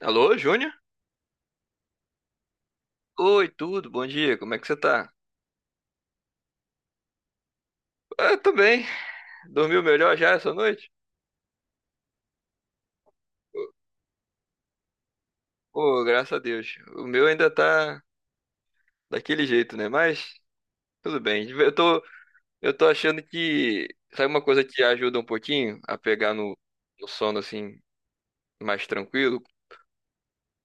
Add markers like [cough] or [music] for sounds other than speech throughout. Alô, Júnior? Oi, tudo, bom dia, como é que você tá? Ah, tô bem. Dormiu melhor já essa noite? Pô, graças a Deus. O meu ainda tá daquele jeito, né? Mas tudo bem. Eu tô achando que, sabe uma coisa que ajuda um pouquinho a pegar no sono assim, mais tranquilo?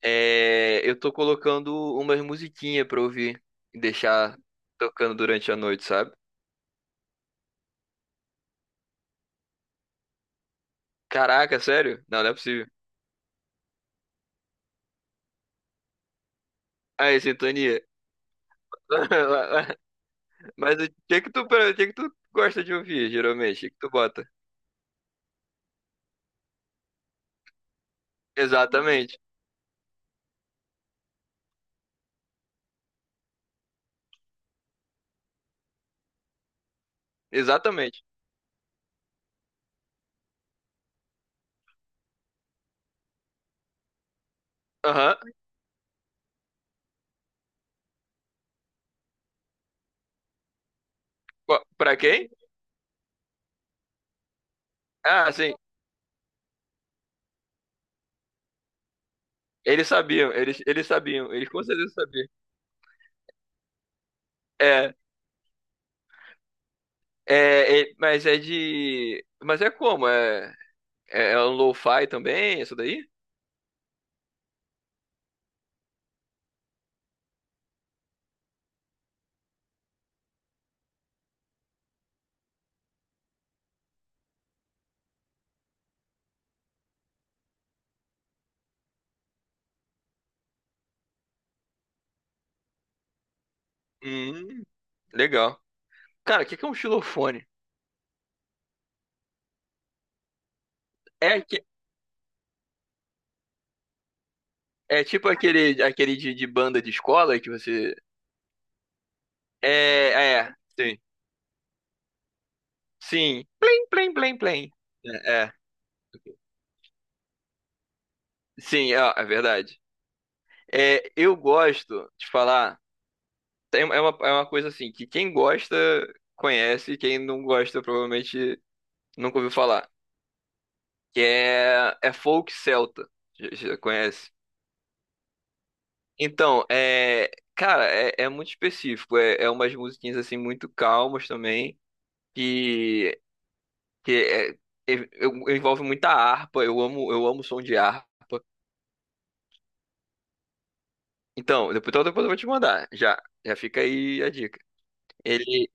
É, eu tô colocando umas musiquinhas pra ouvir e deixar tocando durante a noite, sabe? Caraca, sério? Não, não é possível. Aí, sintonia. [laughs] Mas o que que tu gosta de ouvir, geralmente? O que tu bota? Exatamente. Exatamente. Aham. Pra quem? Ah, sim. Eles sabiam, eles sabiam, eles com certeza sabiam. É, mas é de. Mas é como? É um lo-fi também, isso daí? Hum, legal. Cara, o que que é um xilofone? É, aque- é tipo aquele de banda de escola que você. É, sim. Sim. Plim, plim, plim, plim. É, Sim, é verdade. É, eu gosto de falar. É uma coisa assim que quem gosta conhece, quem não gosta provavelmente nunca ouviu falar. Que é folk celta. Já conhece? Então, é, cara, é muito específico. É, umas musiquinhas assim muito calmas também. Que, que é- é- eu- Envolve muita harpa. Eu amo som de harpa. Então depois eu vou te mandar. Já fica aí a dica. Ele,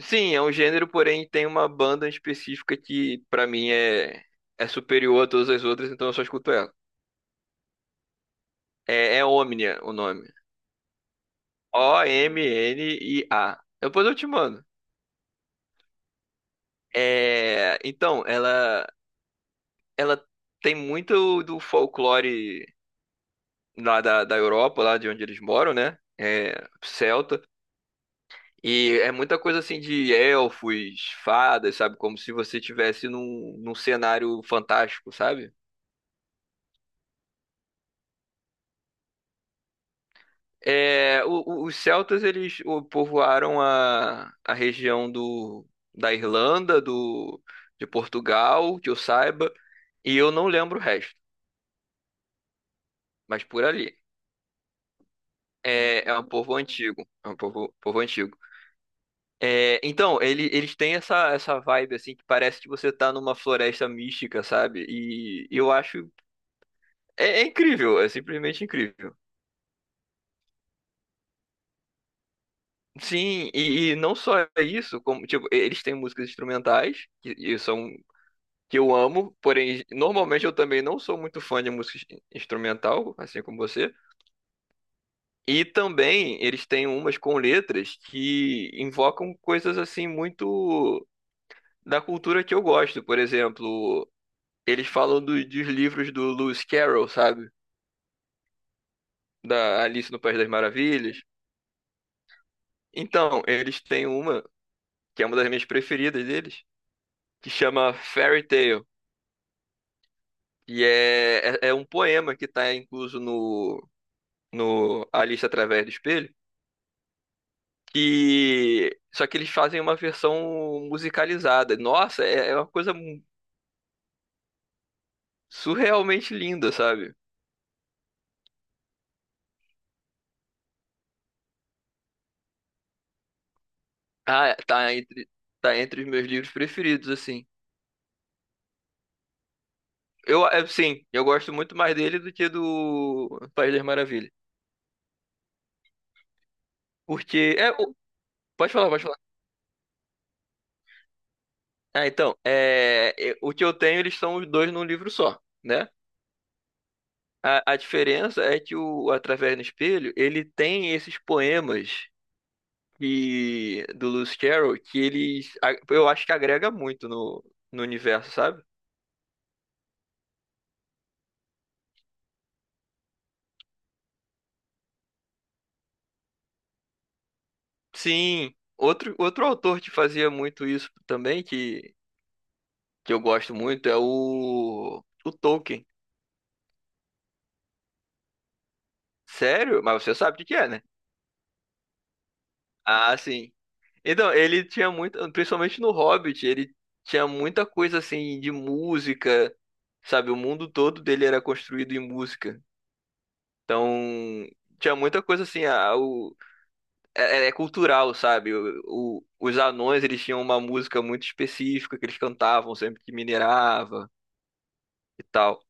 Sim, é um gênero, porém tem uma banda específica que pra mim é superior a todas as outras, então eu só escuto ela. É Omnia o nome. Omnia. Depois eu te mando. É, então, ela tem muito do folclore lá da Europa, lá de onde eles moram, né? É, celta. E é muita coisa assim de elfos, fadas, sabe? Como se você estivesse num cenário fantástico, sabe? Os celtas eles povoaram a região da Irlanda, de Portugal, que eu saiba, e eu não lembro o resto, mas por ali. É um povo antigo, é um povo antigo. É, então, eles têm essa vibe assim que parece que você tá numa floresta mística, sabe? E eu acho é incrível, é simplesmente incrível. Sim, e não só isso, como tipo, eles têm músicas instrumentais, e são que eu amo, porém normalmente eu também não sou muito fã de música instrumental, assim como você. E também eles têm umas com letras que invocam coisas assim muito da cultura que eu gosto. Por exemplo, eles falam dos livros do Lewis Carroll, sabe? Da Alice no País das Maravilhas. Então, eles têm uma que é uma das minhas preferidas deles, que chama Fairy Tale. E é um poema que está incluso no, no, Alice Através do Espelho. E só que eles fazem uma versão musicalizada. Nossa, é uma coisa surrealmente linda, sabe? Ah, tá entre os meus livros preferidos, assim. É, sim, eu gosto muito mais dele do que do País das Maravilhas. Porque é, o- Pode falar, pode falar. Ah, então, o que eu tenho, eles são os dois num livro só, né? A diferença é que o Através do Espelho, ele tem esses poemas e do Lewis Carroll que eles eu acho que agrega muito no, no universo, sabe? Sim, outro autor que fazia muito isso também que eu gosto muito é o Tolkien. Sério? Mas você sabe o que que é, né? Ah, sim. Então, ele tinha muito, principalmente no Hobbit, ele tinha muita coisa assim de música, sabe? O mundo todo dele era construído em música. Então, tinha muita coisa assim, a, é, é é cultural, sabe? Os anões, eles tinham uma música muito específica que eles cantavam sempre que minerava e tal.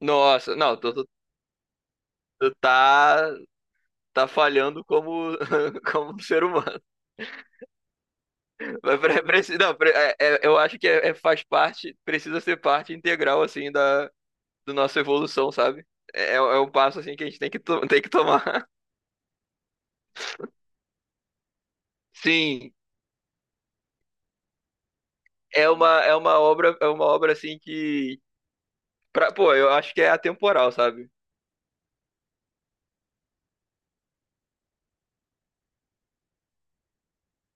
Nossa, não, tu tá falhando como, [laughs] como um ser humano. Mas não, eu acho que faz parte, precisa ser parte integral, assim, da nossa evolução, sabe? É um passo, assim, que a gente [laughs] tem que tomar. [laughs] Sim, é uma obra, assim, que... Pô, eu acho que é atemporal, sabe?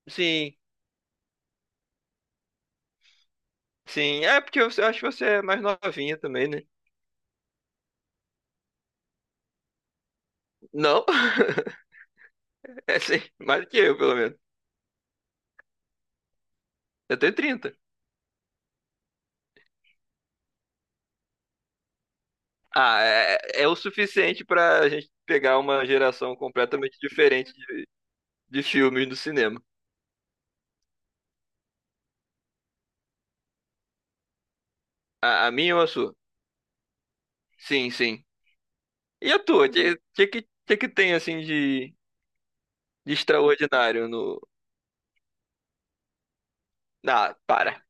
Sim. Sim, é porque eu acho que você é mais novinha também, né? Não? [laughs] É sim, mais do que eu, pelo menos. Eu tenho 30. Ah, é o suficiente pra gente pegar uma geração completamente diferente de, filmes do cinema. A minha ou a sua? Sim, sim. E a tua? O que que tem, assim, de extraordinário no... Ah, para.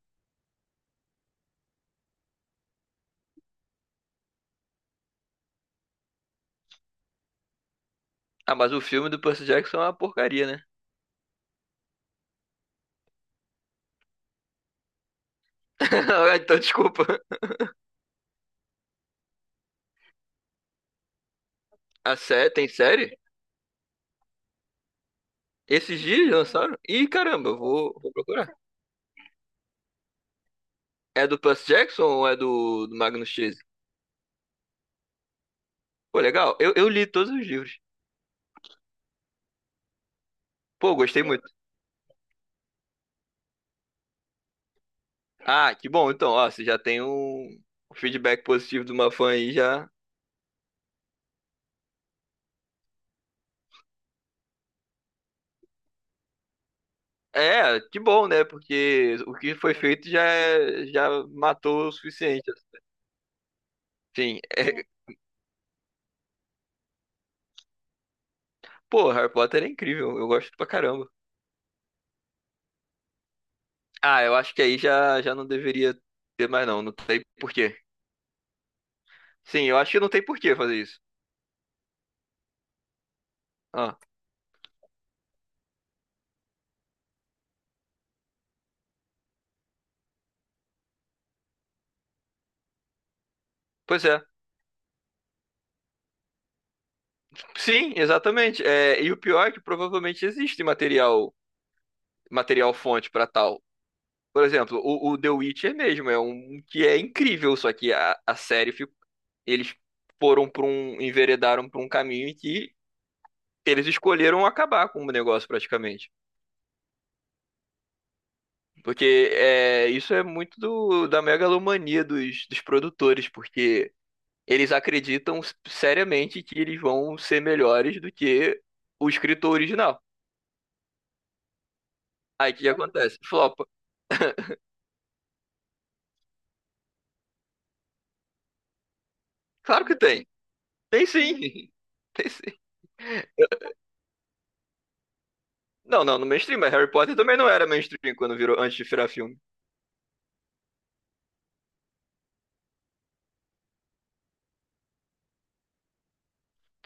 Ah, mas o filme do Percy Jackson é uma porcaria, né? [laughs] Ah, então, desculpa. Tem série? Esses dias lançaram? Ih, caramba, eu vou procurar. É do Percy Jackson ou é do Magnus Chase? Pô, legal. Eu li todos os livros. Pô, gostei muito. Ah, que bom. Então, ó, você já tem um feedback positivo de uma fã aí já. É, que bom, né? Porque o que foi feito já matou o suficiente. Sim. É... Pô, Harry Potter é incrível. Eu gosto pra caramba. Ah, eu acho que aí já não deveria ter mais, não. Não tem porquê. Sim, eu acho que não tem porquê fazer isso. Ah, pois é. Sim, exatamente. É, e o pior é que provavelmente existe material fonte para tal. Por exemplo, o The Witcher mesmo é um que é incrível, só que a série ficou, eles foram enveredaram para um caminho em que eles escolheram acabar com o negócio praticamente. Porque isso é muito da megalomania dos produtores, porque eles acreditam seriamente que eles vão ser melhores do que o escritor original. Aí o que acontece? Flopa. Claro que tem. Tem sim. [laughs] Tem sim. Não, não, no mainstream, mas Harry Potter também não era mainstream quando virou, antes de virar filme.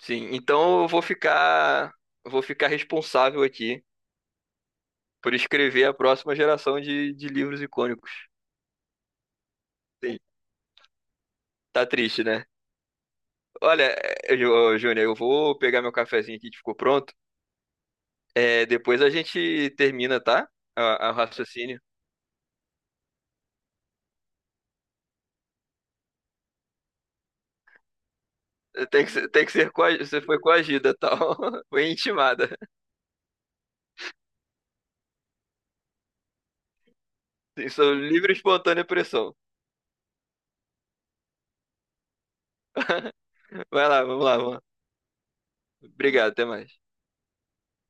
Sim, então eu vou ficar responsável aqui por escrever a próxima geração de, livros icônicos. Sim, tá triste, né? Olha, ô, Júnior, eu vou pegar meu cafezinho aqui que ficou pronto. É, depois a gente termina, tá? A raciocínio. Eh, tem que ser coagi- Você foi coagida, tal. [laughs] Foi intimada. Isso é livre e espontânea pressão. Vai lá, vamos lá, vamos lá. Obrigado, até mais.